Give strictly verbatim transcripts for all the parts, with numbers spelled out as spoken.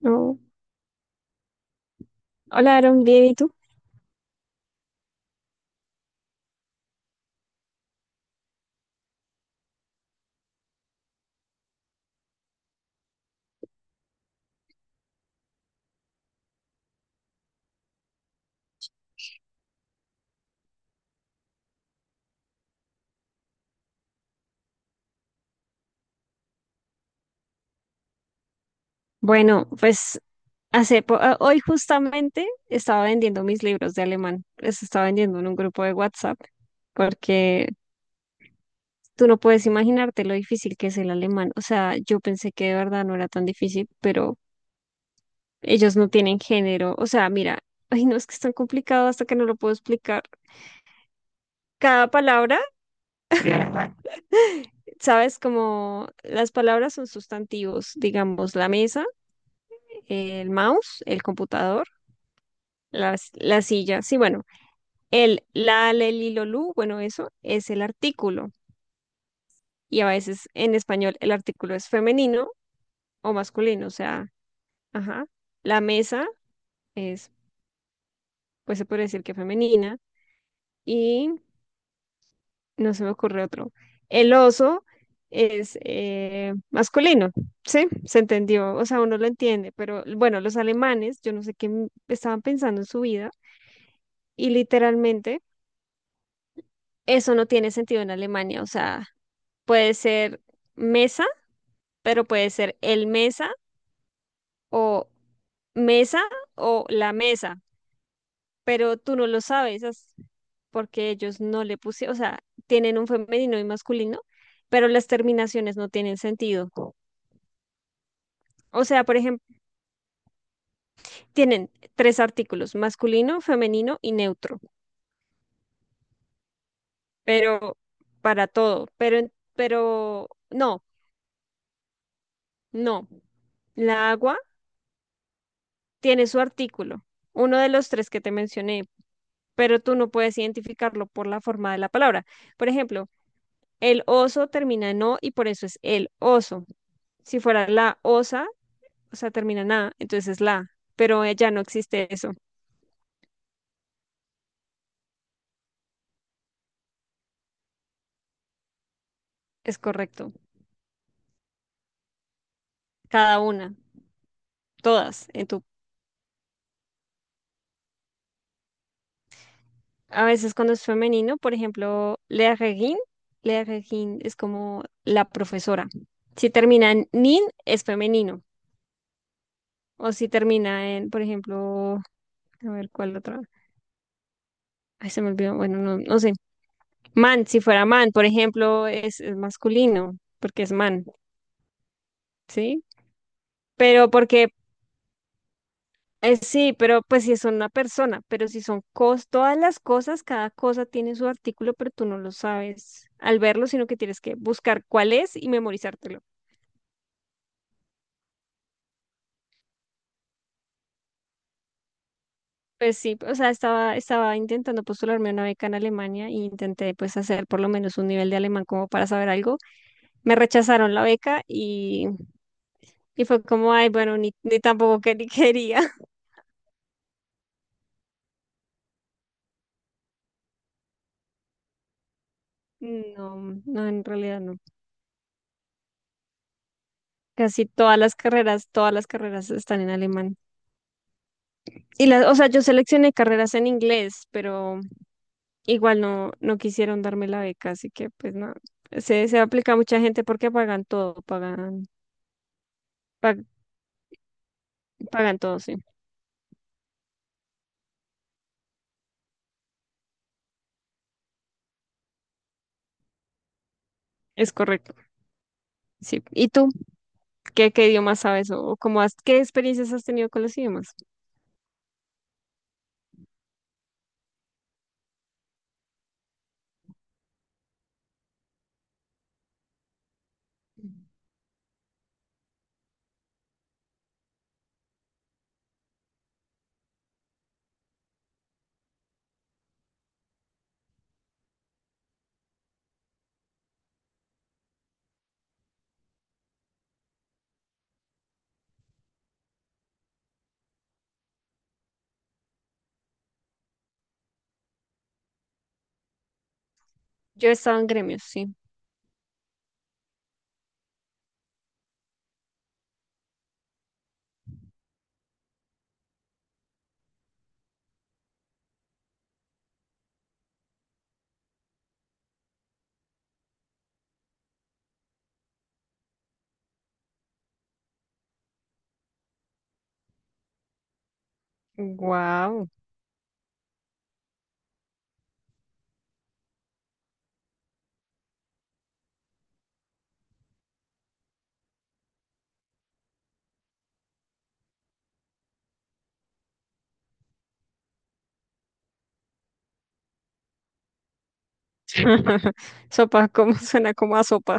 No. Hola, Aaron, bien, ¿y tú? Bueno, pues hace po- ah, hoy justamente estaba vendiendo mis libros de alemán. Los estaba vendiendo en un grupo de WhatsApp porque tú no puedes imaginarte lo difícil que es el alemán. O sea, yo pensé que de verdad no era tan difícil, pero ellos no tienen género. O sea, mira, ay, no, es que es tan complicado hasta que no lo puedo explicar. Cada palabra, sabes, como las palabras son sustantivos, digamos, la mesa, el mouse, el computador, las, la silla. Sí, bueno. El la, la, el, lilo, lu, bueno, eso es el artículo. Y a veces en español el artículo es femenino o masculino, o sea, ajá. La mesa es, pues se puede decir que femenina. Y no se me ocurre otro. El oso es eh, masculino, ¿sí? Se entendió, o sea, uno lo entiende, pero bueno, los alemanes, yo no sé qué m- estaban pensando en su vida y literalmente eso no tiene sentido en Alemania. O sea, puede ser mesa, pero puede ser el mesa o mesa o la mesa, pero tú no lo sabes as- porque ellos no le pusieron. O sea, tienen un femenino y masculino, pero las terminaciones no tienen sentido. O sea, por ejemplo, tienen tres artículos, masculino, femenino y neutro, pero para todo, pero, en- pero no, no, la agua tiene su artículo, uno de los tres que te mencioné, pero tú no puedes identificarlo por la forma de la palabra. Por ejemplo, el oso termina en o y por eso es el oso. Si fuera la osa, o sea, termina en a, entonces es la. Pero eh, ya no existe eso. Es correcto. Cada una, todas. En tu. A veces, cuando es femenino, por ejemplo, la regin, la regin es como la profesora. Si termina en nin, es femenino. O si termina en, por ejemplo, a ver, ¿cuál otra? Ay, se me olvidó. Bueno, no, no sé. Man, si fuera man, por ejemplo, es, es masculino, porque es man, ¿sí? Pero porque, eh, sí, pero pues si son una persona, pero si son cos, todas las cosas, cada cosa tiene su artículo, pero tú no lo sabes al verlo, sino que tienes que buscar cuál es y memorizártelo. Pues sí, o sea, estaba, estaba intentando postularme a una beca en Alemania e intenté pues hacer por lo menos un nivel de alemán como para saber algo. Me rechazaron la beca y, y fue como, ay, bueno, ni, ni tampoco que ni quería. No, no, en realidad no. Casi todas las carreras, todas las carreras están en alemán. Y la, o sea, yo seleccioné carreras en inglés, pero igual no, no quisieron darme la beca, así que pues nada. Se, se aplica a mucha gente porque pagan todo, pagan, pa- pagan todo, sí. Es correcto, sí. ¿Y tú? ¿Qué, qué idiomas sabes o, o cómo has, qué experiencias has tenido con los idiomas? Yo he estado en gremios, sí. Wow. Sopa, ¿cómo suena como a sopa?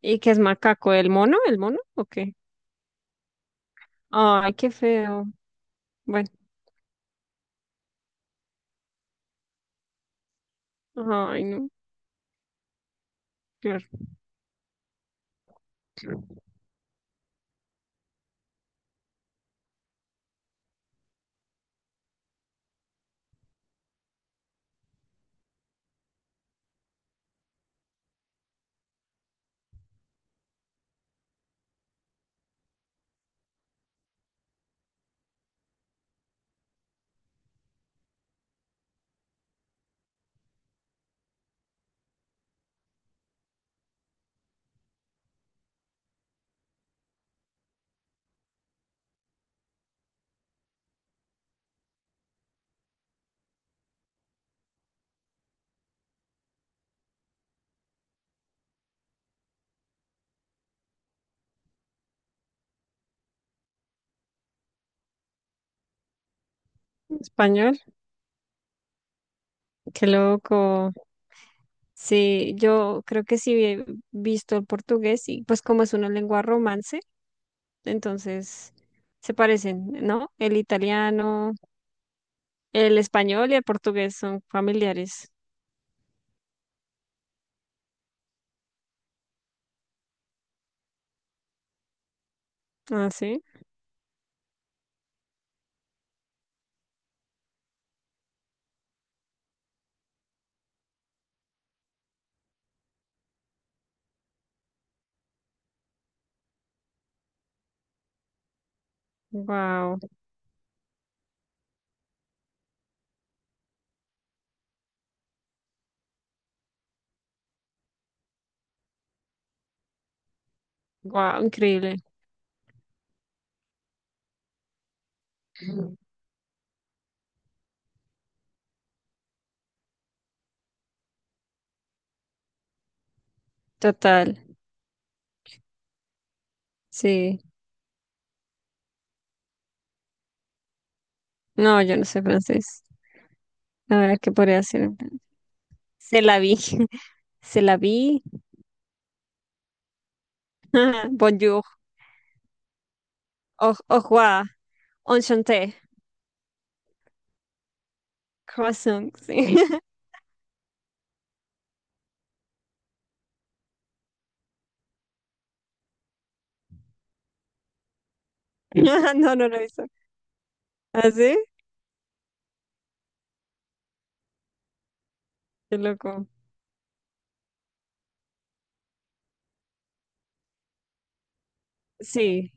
¿Y qué es macaco? ¿El mono? ¿El mono? ¿O qué? Ay, qué feo. Bueno, ay, no. Claro. Español. Qué loco. Sí, yo creo que sí he visto el portugués y pues como es una lengua romance, entonces se parecen, ¿no? El italiano, el español y el portugués son familiares. Ah, sí. Wow, wow, increíble. Total. Sí. No, yo no sé francés. A ver, ¿qué podría hacer? Se la vi. Se la vi. Bonjour. Au au revoir. Enchanté. Croissant. Sí. No, no lo hizo. ¿Así? Qué loco. Sí.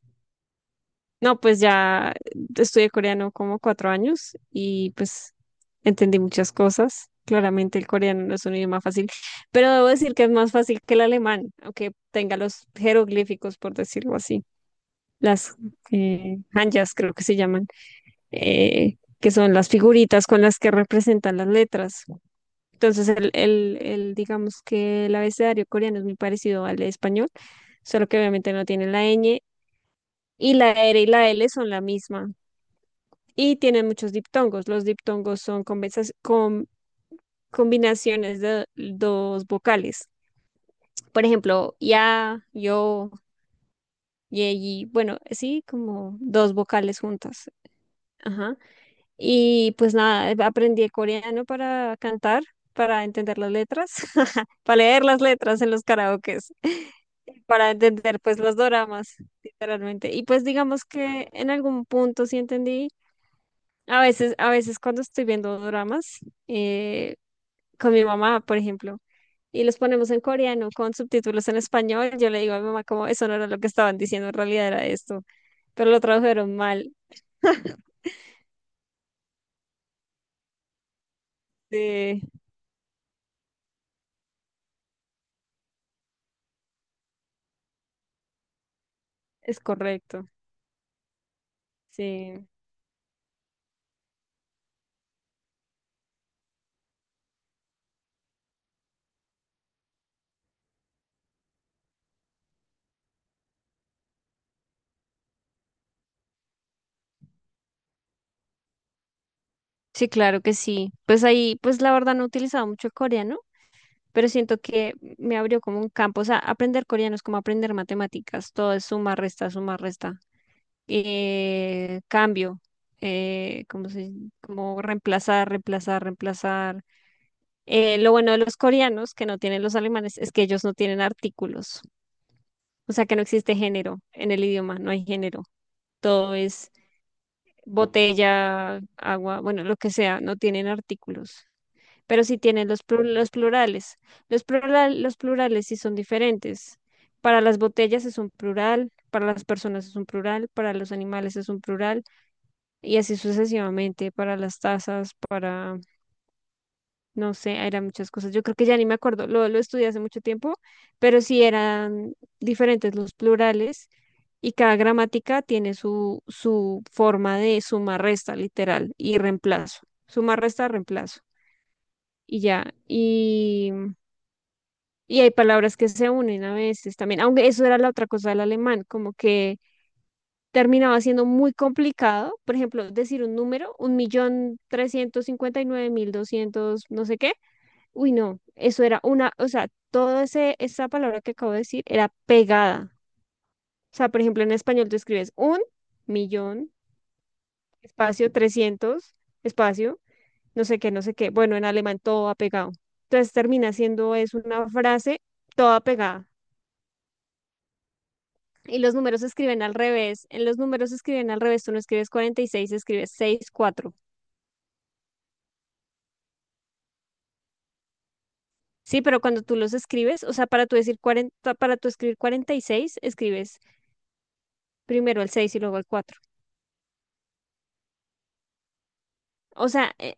No, pues ya estudié coreano como cuatro años y pues entendí muchas cosas. Claramente el coreano no es un idioma fácil, pero debo decir que es más fácil que el alemán, aunque tenga los jeroglíficos, por decirlo así. Las eh, hanjas creo que se llaman, eh, que son las figuritas con las que representan las letras. Entonces, el, el, el, digamos que el abecedario coreano es muy parecido al español, solo que obviamente no tiene la ñ y la R y la L son la misma y tienen muchos diptongos. Los diptongos son conversa- com- combinaciones de dos vocales. Por ejemplo, ya, yo, ye, yi, bueno, sí, como dos vocales juntas. Ajá. Y pues nada, eh, aprendí coreano para cantar, para entender las letras, para leer las letras en los karaokes, para entender pues los doramas, literalmente. Y pues digamos que en algún punto sí entendí. A veces, a veces cuando estoy viendo dramas eh, con mi mamá, por ejemplo, y los ponemos en coreano con subtítulos en español, yo le digo a mi mamá como eso no era lo que estaban diciendo, en realidad era esto, pero lo tradujeron mal. Sí, es correcto. Sí. Sí, claro que sí. Pues ahí, pues la verdad no he utilizado mucho el coreano, pero siento que me abrió como un campo. O sea, aprender coreano es como aprender matemáticas. Todo es suma, resta, suma, resta. eh, cambio, eh, como, se, como reemplazar, reemplazar, reemplazar. Eh, lo bueno de los coreanos, que no tienen los alemanes, es que ellos no tienen artículos, o sea que no existe género en el idioma, no hay género, todo es botella, agua, bueno, lo que sea, no tienen artículos. Pero sí tienen los, plu- los plurales. Los, plural, los plurales sí son diferentes. Para las botellas es un plural, para las personas es un plural, para los animales es un plural, y así sucesivamente para las tazas, para, no sé, eran muchas cosas. Yo creo que ya ni me acuerdo, lo, lo estudié hace mucho tiempo, pero sí eran diferentes los plurales y cada gramática tiene su, su forma de suma, resta, literal, y reemplazo. Suma, resta, reemplazo. Y ya, y, y hay palabras que se unen a veces también, aunque eso era la otra cosa del alemán, como que terminaba siendo muy complicado, por ejemplo, decir un número, un millón trescientos cincuenta y nueve mil doscientos, no sé qué. Uy, no, eso era una, o sea, toda esa palabra que acabo de decir era pegada. O sea, por ejemplo, en español tú escribes un millón, espacio, trescientos, espacio, no sé qué, no sé qué. Bueno, en alemán todo va pegado. Entonces termina siendo es una frase toda pegada. Y los números se escriben al revés. En los números se escriben al revés. Tú no escribes cuarenta y seis, escribes sesenta y cuatro. Sí, pero cuando tú los escribes, o sea, para tú decir cuarenta, para tú escribir cuarenta y seis, escribes primero el seis y luego el cuatro. O sea, eh,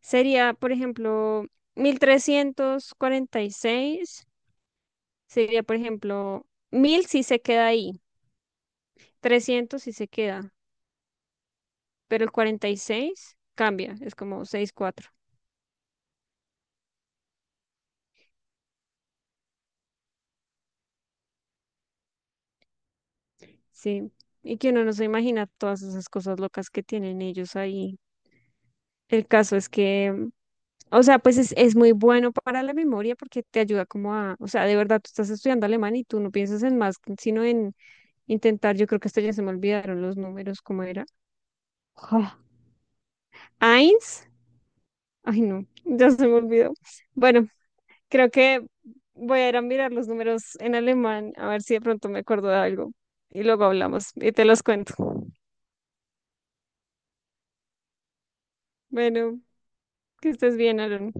sería, por ejemplo, mil trescientos cuarenta y seis. Sería, por ejemplo, mil si se queda ahí, trescientos si se queda, pero el cuarenta y seis cambia, es como seis cuatro. Sí, y que uno no se imagina todas esas cosas locas que tienen ellos ahí. El caso es que. O sea, pues es, es muy bueno para la memoria porque te ayuda como a, o sea, de verdad tú estás estudiando alemán y tú no piensas en más, sino en intentar, yo creo que hasta ya se me olvidaron los números, ¿cómo era? Ah, Eins, ay no, ya se me olvidó. Bueno, creo que voy a ir a mirar los números en alemán, a ver si de pronto me acuerdo de algo y luego hablamos y te los cuento. Bueno, que estés bien, Aaron.